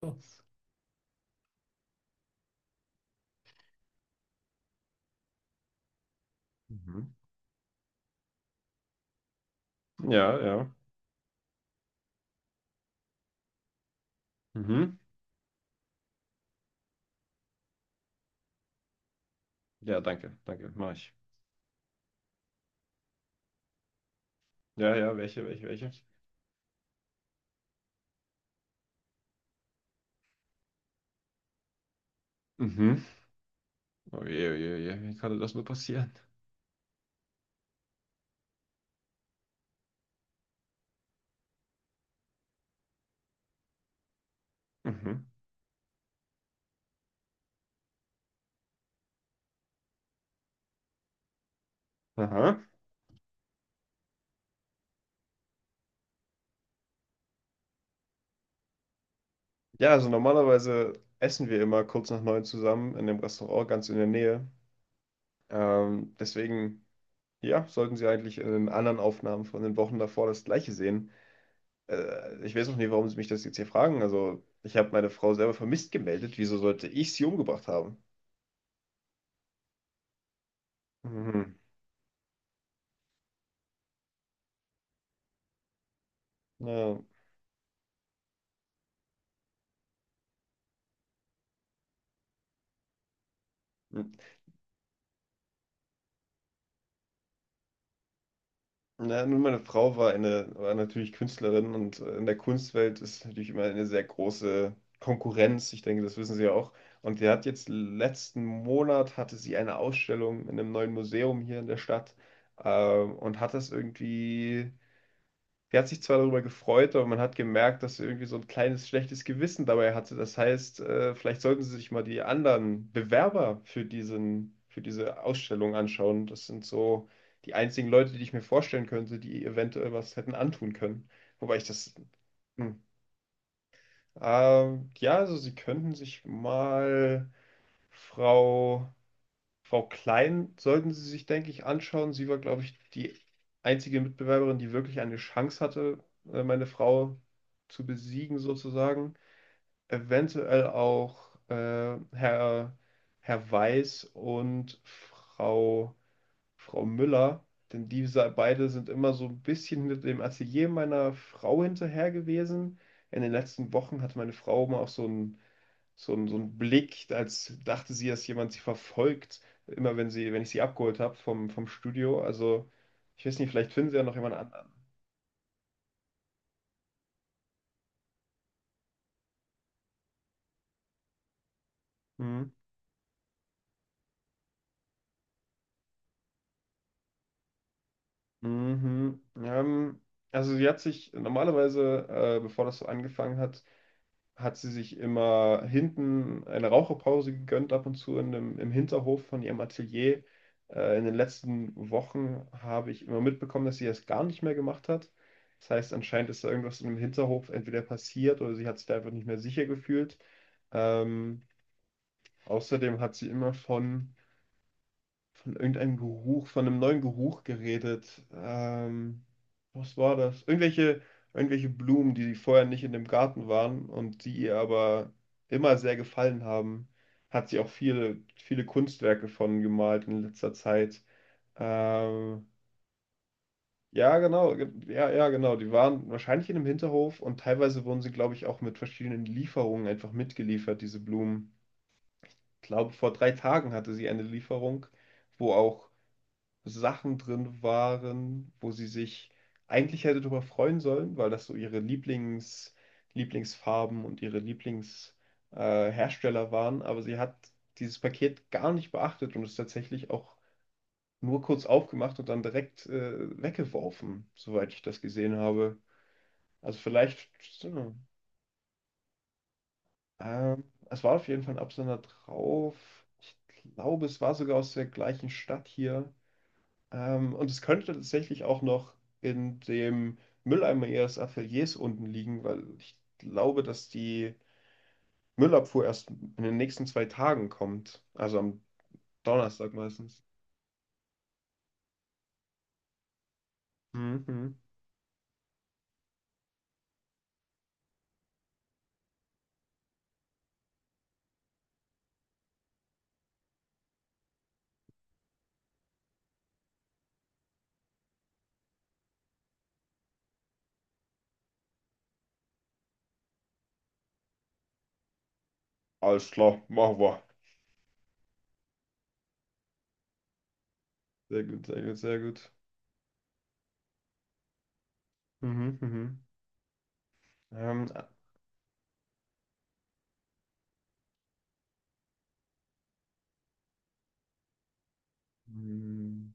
Das. Mhm. Ja, ja. Mhm. Ja, danke, danke, mach ich. Ja, ja, welche, welche, welche? Mhm. Oh je, oh je, oh je, wie konnte das nur passieren? Mhm. Aha. Ja, also normalerweise essen wir immer kurz nach 9 zusammen in dem Restaurant ganz in der Nähe. Deswegen, ja, sollten Sie eigentlich in den anderen Aufnahmen von den Wochen davor das Gleiche sehen. Ich weiß noch nie, warum Sie mich das jetzt hier fragen. Also, ich habe meine Frau selber vermisst gemeldet. Wieso sollte ich sie umgebracht haben? Mhm. Ja. Na, nun, meine Frau war natürlich Künstlerin und in der Kunstwelt ist natürlich immer eine sehr große Konkurrenz. Ich denke, das wissen Sie ja auch. Und die hat jetzt letzten Monat hatte sie eine Ausstellung in einem neuen Museum hier in der Stadt und hat das irgendwie. Sie hat sich zwar darüber gefreut, aber man hat gemerkt, dass sie irgendwie so ein kleines schlechtes Gewissen dabei hatte. Das heißt, vielleicht sollten Sie sich mal die anderen Bewerber für diese Ausstellung anschauen. Das sind so die einzigen Leute, die ich mir vorstellen könnte, die eventuell was hätten antun können. Wobei ich das. hm, ja, also Sie könnten sich mal Frau Klein sollten Sie sich, denke ich, anschauen. Sie war, glaube ich, die einzige Mitbewerberin, die wirklich eine Chance hatte, meine Frau zu besiegen, sozusagen. Eventuell auch äh, Herr, Herr Weiß und Frau Müller, denn diese beide sind immer so ein bisschen mit dem Atelier meiner Frau hinterher gewesen. In den letzten Wochen hatte meine Frau mal auch so ein Blick, als dachte sie, dass jemand sie verfolgt, immer wenn ich sie abgeholt habe vom Studio. Also, ich weiß nicht, vielleicht finden sie ja noch jemand anderen. Hm. Mhm. Also sie hat sich normalerweise, bevor das so angefangen hat, hat sie sich immer hinten eine Raucherpause gegönnt, ab und zu im Hinterhof von ihrem Atelier. In den letzten Wochen habe ich immer mitbekommen, dass sie das gar nicht mehr gemacht hat. Das heißt, anscheinend ist da irgendwas in dem Hinterhof entweder passiert oder sie hat sich da einfach nicht mehr sicher gefühlt. Ähm, Außerdem hat sie immer von irgendeinem Geruch, von einem neuen Geruch geredet. Was war das? Irgendwelche Blumen, die vorher nicht in dem Garten waren und die ihr aber immer sehr gefallen haben. Hat sie auch viele, viele Kunstwerke von gemalt in letzter Zeit. Ähm, ja, genau, ja, ja, genau. Die waren wahrscheinlich in einem Hinterhof und teilweise wurden sie, glaube ich, auch mit verschiedenen Lieferungen einfach mitgeliefert, diese Blumen. Ich glaube, vor 3 Tagen hatte sie eine Lieferung, wo auch Sachen drin waren, wo sie sich eigentlich hätte darüber freuen sollen, weil das so ihre Lieblingsfarben und ihre Lieblings, Hersteller waren. Aber sie hat dieses Paket gar nicht beachtet und es tatsächlich auch nur kurz aufgemacht und dann direkt, weggeworfen, soweit ich das gesehen habe. Also vielleicht, so, ähm, es war auf jeden Fall ein Absender drauf. Ich glaube, es war sogar aus der gleichen Stadt hier. Und es könnte tatsächlich auch noch in dem Mülleimer ihres Ateliers unten liegen, weil ich glaube, dass die Müllabfuhr erst in den nächsten 2 Tagen kommt. Also am Donnerstag meistens. Mhm. Alles klar, machen wir. Sehr gut, sehr gut, sehr gut. Mhm, mhm. Ähm, äh, mh.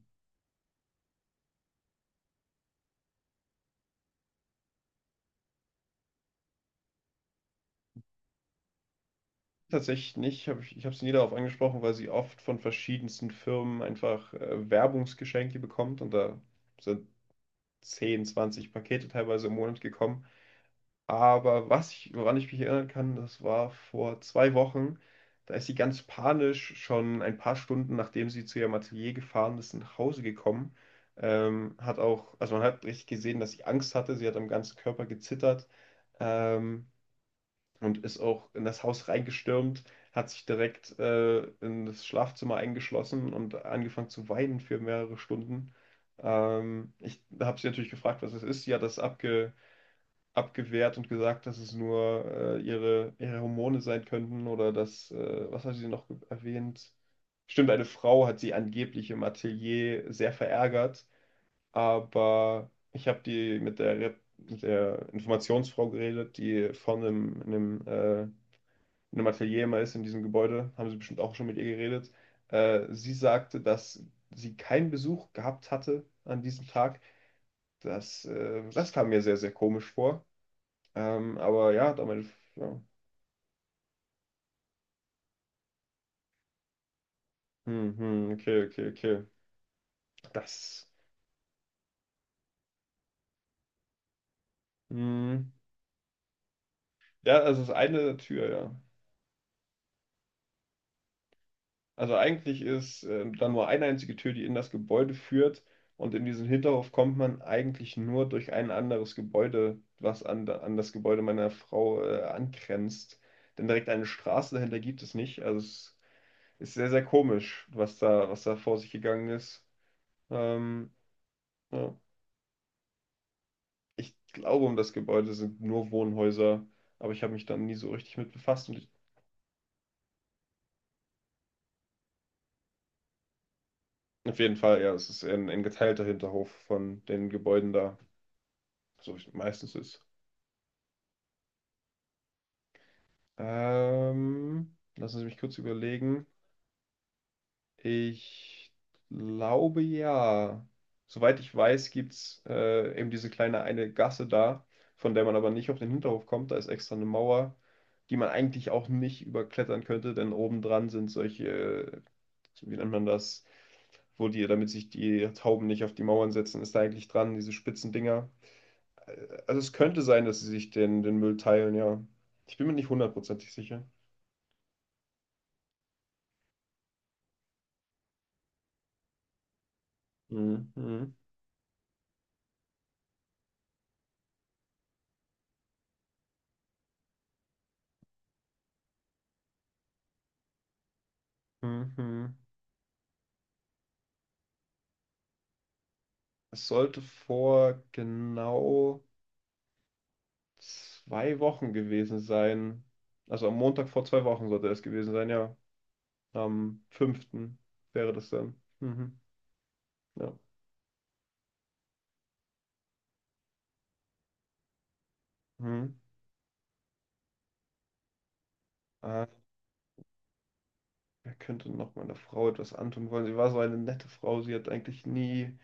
Tatsächlich nicht. Hab ich ich habe sie nie darauf angesprochen, weil sie oft von verschiedensten Firmen einfach Werbungsgeschenke bekommt und da sind 10, 20 Pakete teilweise im Monat gekommen. Aber woran ich mich erinnern kann, das war vor 2 Wochen. Da ist sie ganz panisch schon ein paar Stunden, nachdem sie zu ihrem Atelier gefahren ist, nach Hause gekommen. Hat auch, also man hat richtig gesehen, dass sie Angst hatte. Sie hat am ganzen Körper gezittert, ähm, und ist auch in das Haus reingestürmt, hat sich direkt, in das Schlafzimmer eingeschlossen und angefangen zu weinen für mehrere Stunden. Ich habe sie natürlich gefragt, was es ist. Sie hat das abgewehrt und gesagt, dass es nur ihre Hormone sein könnten oder dass, was hat sie noch erwähnt? Stimmt, eine Frau hat sie angeblich im Atelier sehr verärgert, aber ich habe die mit der Informationsfrau geredet, die vorne in einem Atelier immer ist, in diesem Gebäude, haben sie bestimmt auch schon mit ihr geredet. Sie sagte, dass sie keinen Besuch gehabt hatte an diesem Tag. Das kam mir sehr, sehr komisch vor. Aber ja, damit. Ja. Hm, hm, okay, okay, okay. Das. Hm. Ja, also es ist eine Tür, ja. Also eigentlich ist da nur eine einzige Tür, die in das Gebäude führt. Und in diesen Hinterhof kommt man eigentlich nur durch ein anderes Gebäude, was an das Gebäude meiner Frau angrenzt. Denn direkt eine Straße dahinter gibt es nicht. Also es ist sehr, sehr komisch, was da vor sich gegangen ist. Ähm, ja. Ich glaube, um das Gebäude sind nur Wohnhäuser, aber ich habe mich dann nie so richtig mit befasst. Und ich, auf jeden Fall, ja, es ist eher ein geteilter Hinterhof von den Gebäuden da, so wie es meistens ist. Lassen Sie mich kurz überlegen. Ich glaube ja. Soweit ich weiß, gibt es eben diese kleine eine Gasse da, von der man aber nicht auf den Hinterhof kommt. Da ist extra eine Mauer, die man eigentlich auch nicht überklettern könnte, denn obendran sind solche wie nennt man das, wo die, damit sich die Tauben nicht auf die Mauern setzen, ist da eigentlich dran, diese spitzen Dinger. Äh, Also es könnte sein, dass sie sich den Müll teilen, ja. Ich bin mir nicht hundertprozentig sicher. Mhm. Mhm. Mhm. Es sollte vor genau 2 Wochen gewesen sein. Also am Montag vor 2 Wochen sollte es gewesen sein, ja. Am fünften wäre das dann. Mhm. Ja. Mhm. Er könnte noch meiner Frau etwas antun wollen. Sie war so eine nette Frau. Sie hat eigentlich nie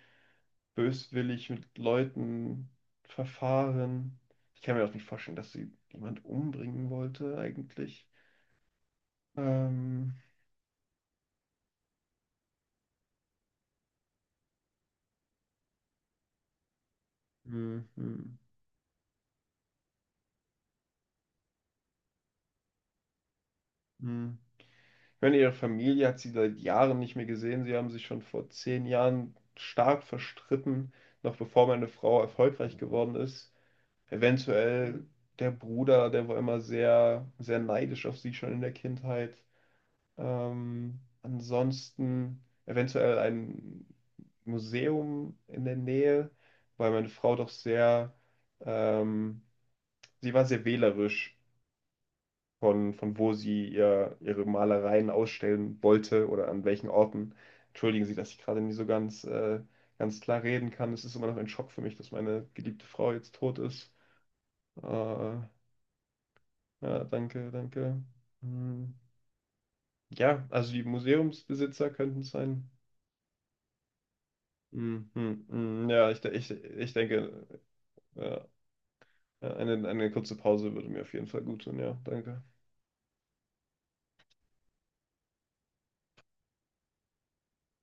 böswillig mit Leuten verfahren. Ich kann mir auch nicht vorstellen, dass sie jemand umbringen wollte, eigentlich. Ähm, hm, hm, hm. Ich meine, ihre Familie hat sie seit Jahren nicht mehr gesehen. Sie haben sich schon vor 10 Jahren stark verstritten, noch bevor meine Frau erfolgreich geworden ist. Eventuell der Bruder, der war immer sehr, sehr neidisch auf sie schon in der Kindheit. Ansonsten eventuell ein Museum in der Nähe, weil meine Frau doch sehr, ähm, sie war sehr wählerisch von wo sie ihre Malereien ausstellen wollte oder an welchen Orten. Entschuldigen Sie, dass ich gerade nie so ganz, ganz klar reden kann. Es ist immer noch ein Schock für mich, dass meine geliebte Frau jetzt tot ist. Ja, danke, danke. Hm. Ja, also die Museumsbesitzer könnten es sein. Mhm, mhm. Ja, ich denke, ja, eine kurze Pause würde mir auf jeden Fall gut tun. Ja, danke.